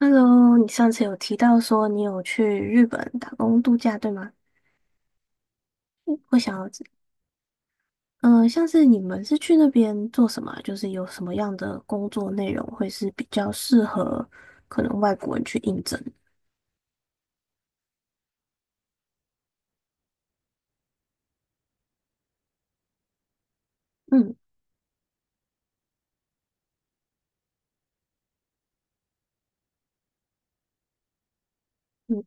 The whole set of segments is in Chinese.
Hello，你上次有提到说你有去日本打工度假，对吗？嗯我想要知，嗯、像是你们是去那边做什么啊，就是有什么样的工作内容会是比较适合可能外国人去应征？嗯。嗯。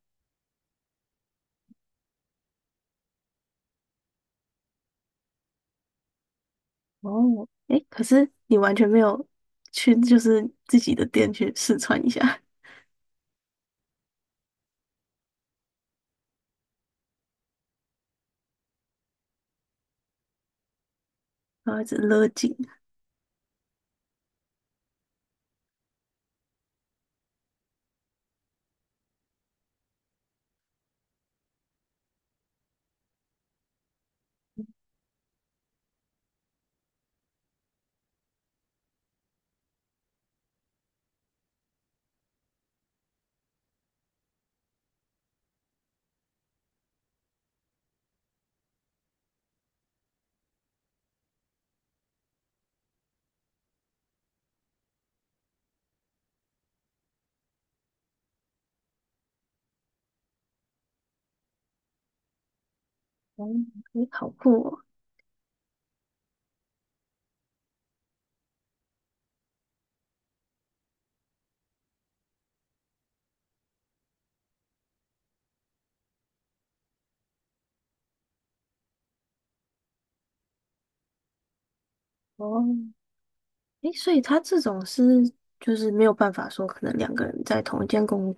哦，诶，可是你完全没有去，就是自己的店去试穿一下，然后一直勒紧。哦，诶，好酷哦！哦，诶，所以他这种是就是没有办法说，可能两个人在同一间公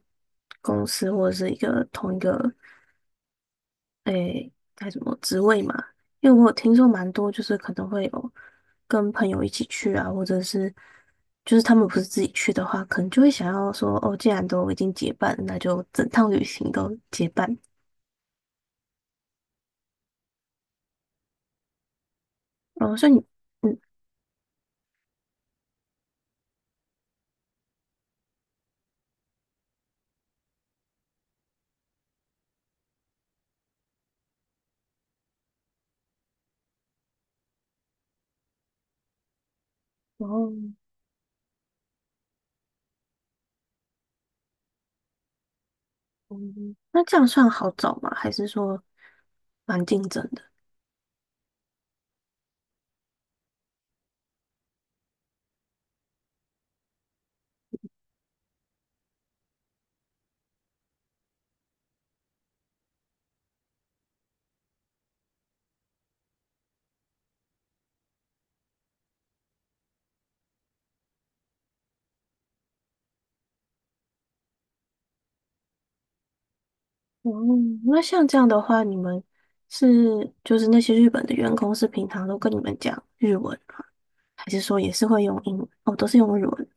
公司或者是一个同一个，诶，该什么职位嘛？因为我有听说蛮多，就是可能会有跟朋友一起去啊，或者是就是他们不是自己去的话，可能就会想要说，哦，既然都已经结伴了，那就整趟旅行都结伴。哦，所以你，嗯，然后，嗯，那这样算好找吗？还是说蛮竞争的？哦，那像这样的话，你们是，就是那些日本的员工是平常都跟你们讲日文吗？还是说也是会用英文？哦，都是用日文。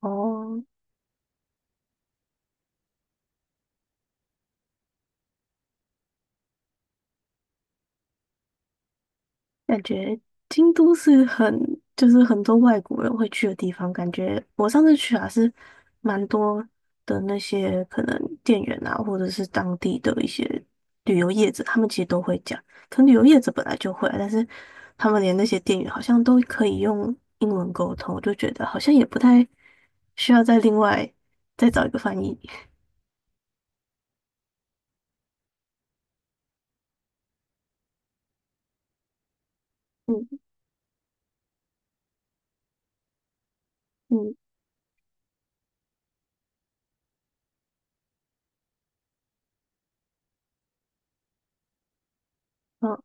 哦，感觉京都是很，就是很多外国人会去的地方。感觉我上次去啊，是蛮多的，那些可能店员啊，或者是当地的一些旅游业者，他们其实都会讲。可能旅游业者本来就会啊，但是他们连那些店员好像都可以用英文沟通，我就觉得好像也不太需要再另外再找一个翻译。嗯。嗯。嗯，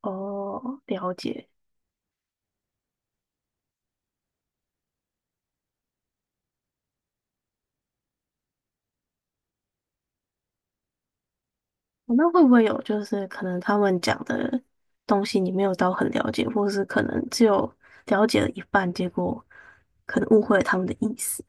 哦，了解。哦，那会不会有就是可能他们讲的东西你没有到很了解，或是可能只有了解了一半，结果可能误会了他们的意思？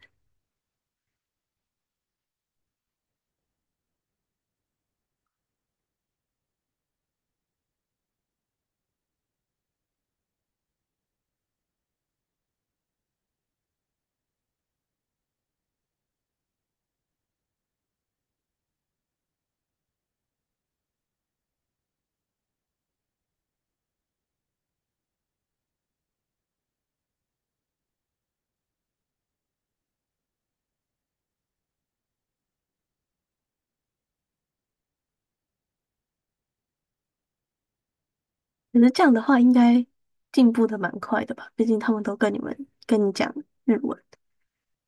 可是这样的话，应该进步的蛮快的吧？毕竟他们都跟你们，跟你讲日文。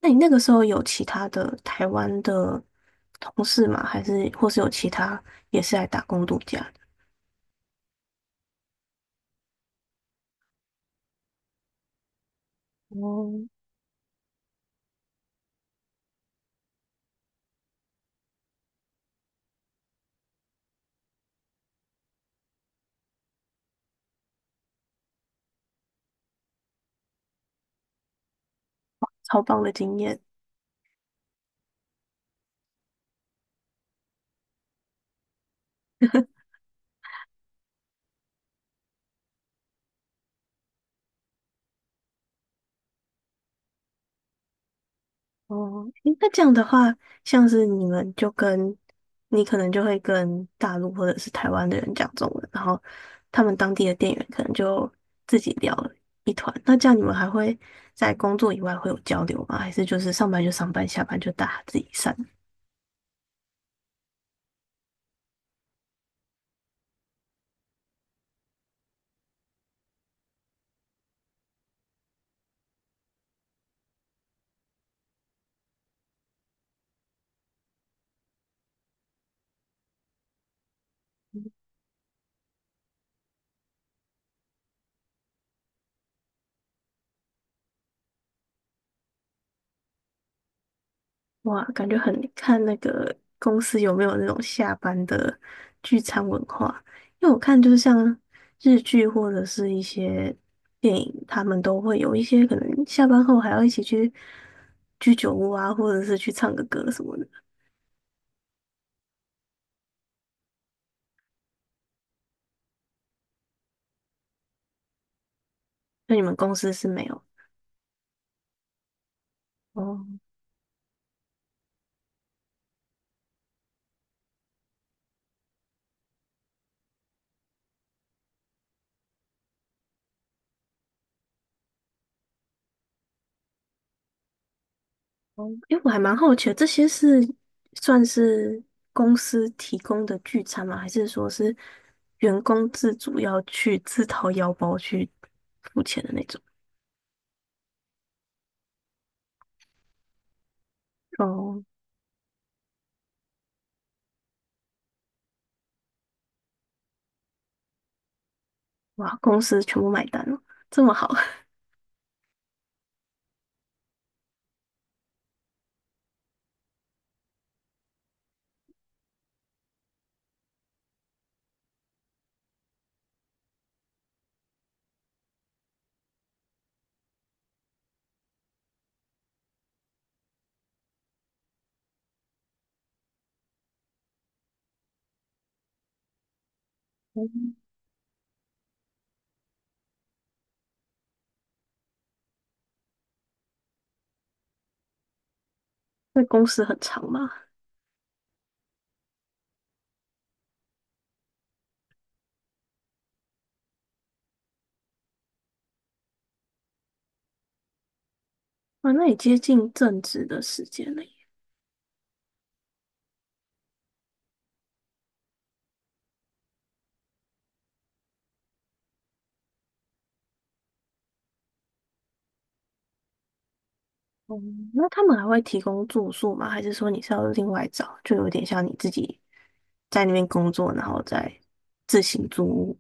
那你那个时候有其他的台湾的同事吗？还是或是有其他也是来打工度假的？哦，超棒的经验。哦，诶，那这样的话，像是你们就跟，你可能就会跟大陆或者是台湾的人讲中文，然后他们当地的店员可能就自己聊了一团。那这样你们还会在工作以外会有交流吗？还是就是上班就上班，下班就大家自己散？哇，感觉很看那个公司有没有那种下班的聚餐文化，因为我看就是像日剧或者是一些电影，他们都会有一些可能下班后还要一起去居酒屋啊，或者是去唱个歌什么的。那你们公司是没有？哦。哦，因为我还蛮好奇的，这些是算是公司提供的聚餐吗？还是说是员工自主要去自掏腰包去付钱的那种？哦。哇，公司全部买单了，这么好？嗯，那公司很长吗？啊，那也接近正职的时间了耶。哦，那他们还会提供住宿吗？还是说你是要另外找？就有点像你自己在那边工作，然后再自行租屋。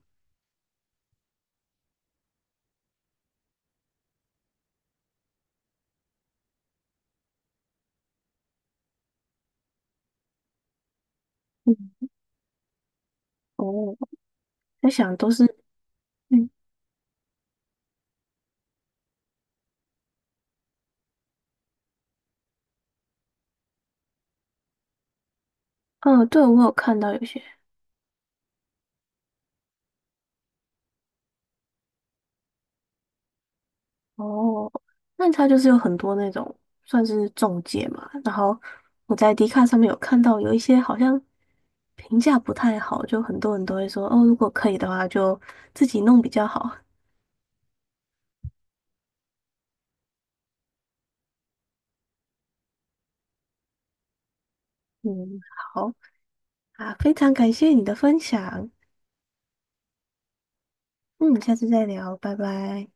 嗯。哦，在想都是，嗯。嗯，对，我有看到有些，哦，那它就是有很多那种算是中介嘛，然后我在迪卡上面有看到有一些好像评价不太好，就很多人都会说，哦，如果可以的话就自己弄比较好。嗯，好。啊，非常感谢你的分享，嗯，下次再聊，拜拜。